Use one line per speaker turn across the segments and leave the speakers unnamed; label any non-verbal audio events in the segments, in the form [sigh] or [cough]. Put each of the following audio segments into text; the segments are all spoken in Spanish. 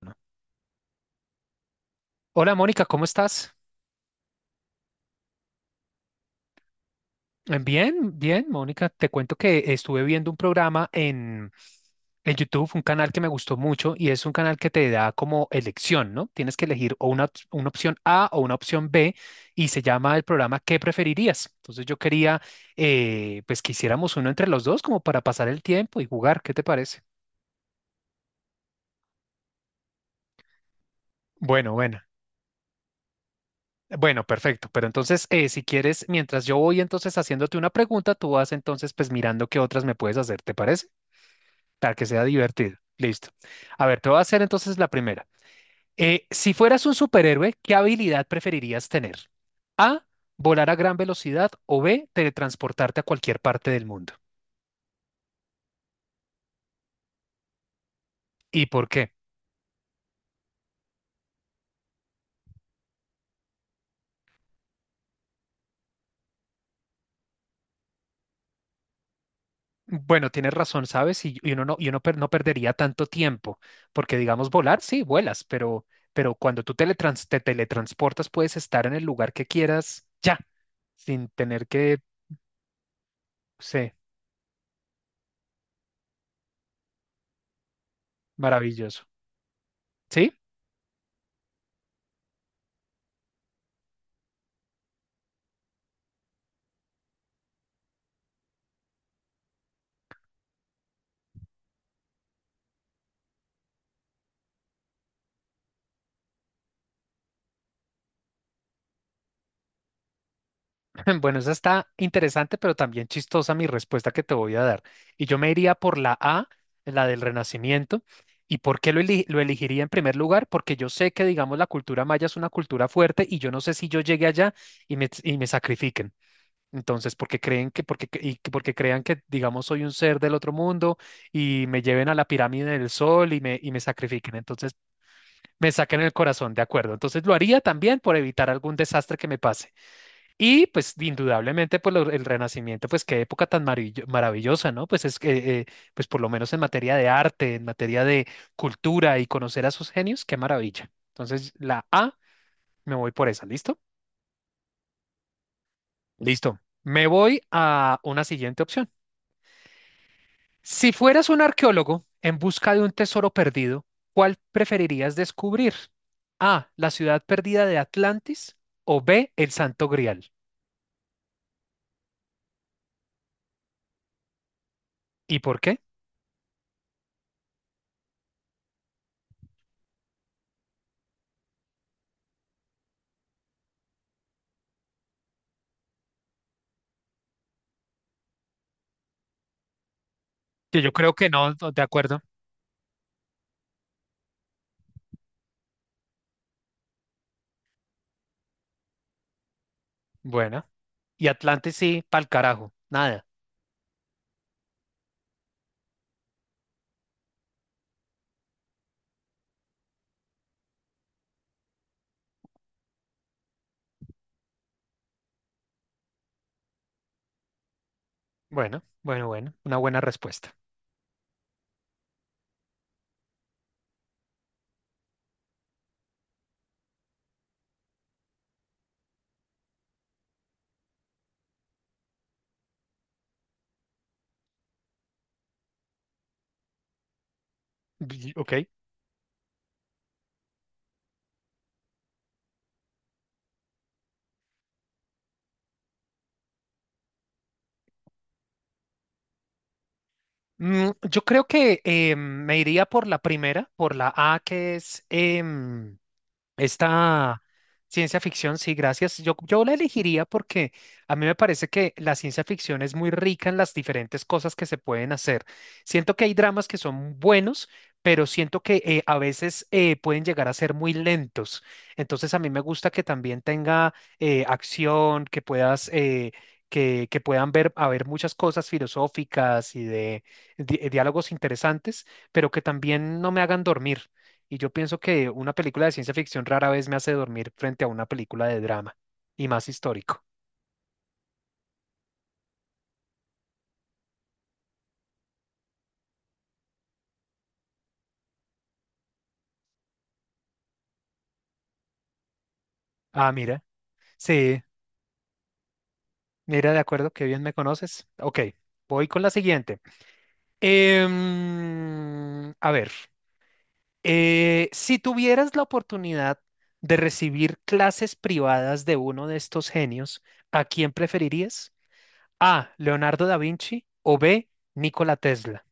Bueno, hola Mónica, ¿cómo estás? Bien, bien, Mónica. Te cuento que estuve viendo un programa en YouTube, un canal que me gustó mucho y es un canal que te da como elección, ¿no? Tienes que elegir una opción A o una opción B y se llama el programa ¿Qué preferirías? Entonces yo quería pues que hiciéramos uno entre los dos como para pasar el tiempo y jugar, ¿qué te parece? Bueno, bueno. Bueno, perfecto. Pero entonces, si quieres, mientras yo voy entonces haciéndote una pregunta, tú vas entonces pues mirando qué otras me puedes hacer, ¿te parece? Para que sea divertido. Listo. A ver, te voy a hacer entonces la primera. Si fueras un superhéroe, ¿qué habilidad preferirías tener? A, volar a gran velocidad o B, teletransportarte a cualquier parte del mundo. ¿Y por qué? Bueno, tienes razón, ¿sabes? Y uno no perdería tanto tiempo, porque digamos volar, sí, vuelas, pero cuando te teletransportas puedes estar en el lugar que quieras ya, sin tener que, sí, maravilloso. ¿Sí? [laughs] Bueno, esa está interesante, pero también chistosa mi respuesta que te voy a dar. Y yo me iría por la A, la del Renacimiento. ¿Y por qué lo elegiría en primer lugar? Porque yo sé que, digamos, la cultura maya es una cultura fuerte y yo no sé si yo llegue allá y me sacrifiquen. Entonces, porque creen que, porque, cre- y que- porque crean que, digamos, soy un ser del otro mundo y me lleven a la pirámide del sol y me sacrifiquen. Entonces, me saquen el corazón, de acuerdo. Entonces, lo haría también por evitar algún desastre que me pase. Y pues indudablemente el Renacimiento, pues qué época tan maravillosa, ¿no? Pues es que, pues por lo menos en materia de arte, en materia de cultura y conocer a sus genios, qué maravilla. Entonces la A, me voy por esa, ¿listo? Listo. Me voy a una siguiente opción. Si fueras un arqueólogo en busca de un tesoro perdido, ¿cuál preferirías descubrir? A, la ciudad perdida de Atlantis o B, el Santo Grial. ¿Y por qué? Que yo creo que no, no, de acuerdo. Bueno. Y Atlantis sí, pa'l carajo, nada. Bueno, bueno, bueno, una buena respuesta. Y- ok. Mm, yo creo que me iría por la primera, por la A, que es... esta ciencia ficción, sí, gracias. Yo la elegiría porque a mí me parece que la ciencia ficción es muy rica en las diferentes cosas que se pueden hacer. Siento que hay dramas que son buenos, pero siento que a veces pueden llegar a ser muy lentos. Entonces a mí me gusta que también tenga acción, que puedas... que puedan ver, haber muchas cosas filosóficas y de diálogos interesantes, pero que también no me hagan dormir. Y yo pienso que una película de ciencia ficción rara vez me hace dormir frente a una película de drama, y más histórico. Ah, mira, sí, mira, de acuerdo, qué bien me conoces. Ok, voy con la siguiente. A ver, si tuvieras la oportunidad de recibir clases privadas de uno de estos genios, ¿a quién preferirías? A, Leonardo da Vinci o B, Nikola Tesla.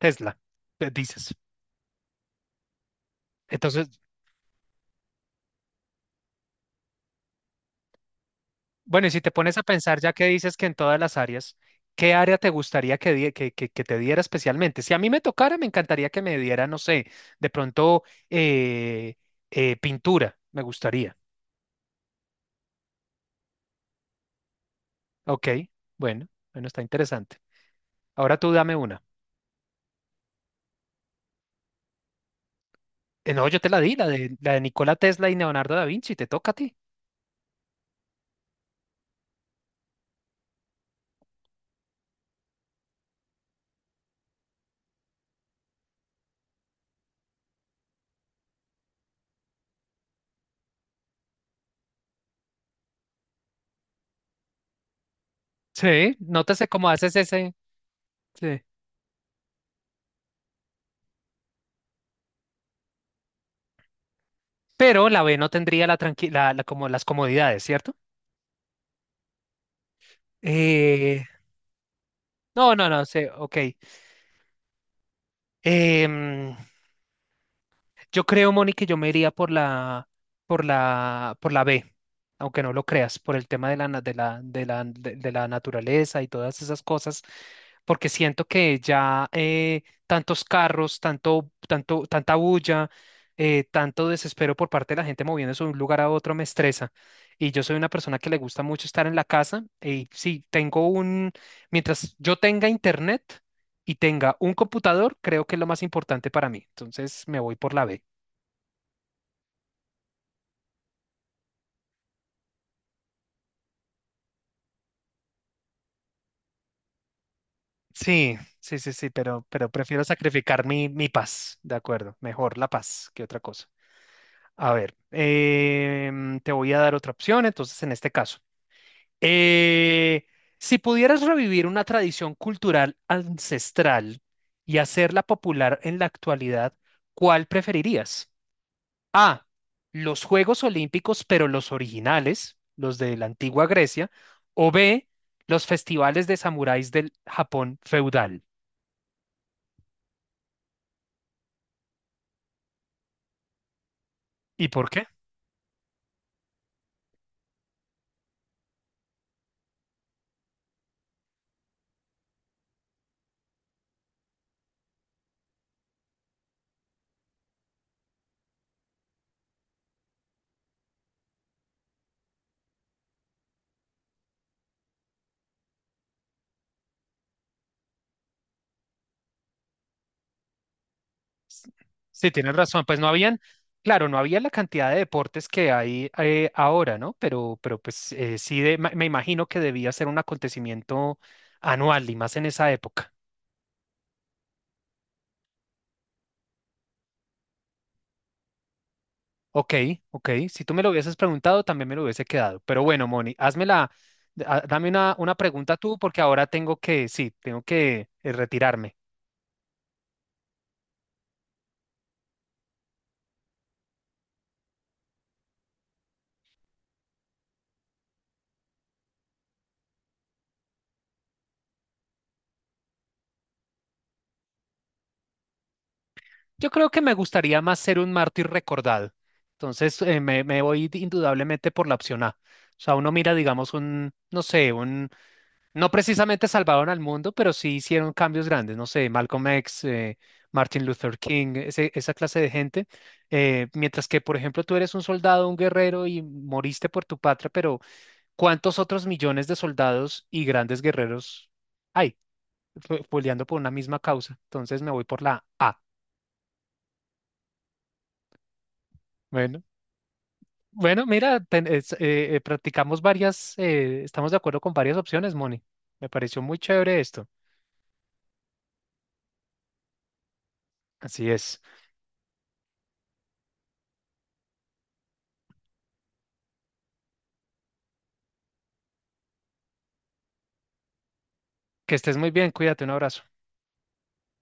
Tesla, dices. Entonces, bueno, y si te pones a pensar, ya que dices que en todas las áreas, ¿qué área te gustaría que te diera especialmente? Si a mí me tocara, me encantaría que me diera, no sé, de pronto eh, pintura, me gustaría. Ok, bueno, bueno, está interesante. Ahora tú dame una. No, yo te la di, la de Nikola Tesla y Leonardo da Vinci, te toca a ti. Sí, nótese cómo haces ese. Sí. Pero la B no tendría la como las comodidades, ¿cierto? Eh, no, no, no, sé, ok. Em, Yo creo, Moni, que yo me iría por la B, aunque no lo creas, por el tema de la, na- de la, de la, de la naturaleza y todas esas cosas, porque siento que ya tantos carros, tanta bulla, tanto desespero por parte de la gente moviéndose de un lugar a otro me estresa. Y yo soy una persona que le gusta mucho estar en la casa y sí, mientras yo tenga internet y tenga un computador, creo que es lo más importante para mí. Entonces me voy por la B. Sí, pero pero prefiero sacrificar mi paz, de acuerdo, mejor la paz que otra cosa. A ver, te voy a dar otra opción, entonces en este caso. Eh, si pudieras revivir una tradición cultural ancestral y hacerla popular en la actualidad, ¿cuál preferirías? A, los Juegos Olímpicos, pero los originales, los de la antigua Grecia, o B, los festivales de samuráis del Japón feudal. ¿Y por qué? Sí, tienes razón. Pues no habían, claro, no había la cantidad de deportes que hay ahora, ¿no? Pero pues sí, me imagino que debía ser un acontecimiento anual y más en esa época. Ok, ok. Si tú me lo hubieses preguntado, también me lo hubiese quedado. Pero bueno, Moni, dame una pregunta tú, porque ahora tengo que, sí, tengo que retirarme. Yo creo que me gustaría más ser un mártir recordado. Entonces, me voy indudablemente por la opción A. O sea, uno mira, digamos, un, no sé, un, no precisamente salvaron al mundo, pero sí hicieron cambios grandes, no sé, Malcolm X, Martin Luther King, esa clase de gente. Mientras que, por ejemplo, tú eres un soldado, un guerrero y moriste por tu patria, pero ¿cuántos otros millones de soldados y grandes guerreros hay peleando por una misma causa? Entonces, me voy por la A. Bueno. Bueno, mira, practicamos varias, estamos de acuerdo con varias opciones, Moni. Me pareció muy chévere esto. Así es. Que estés muy bien, cuídate, un abrazo.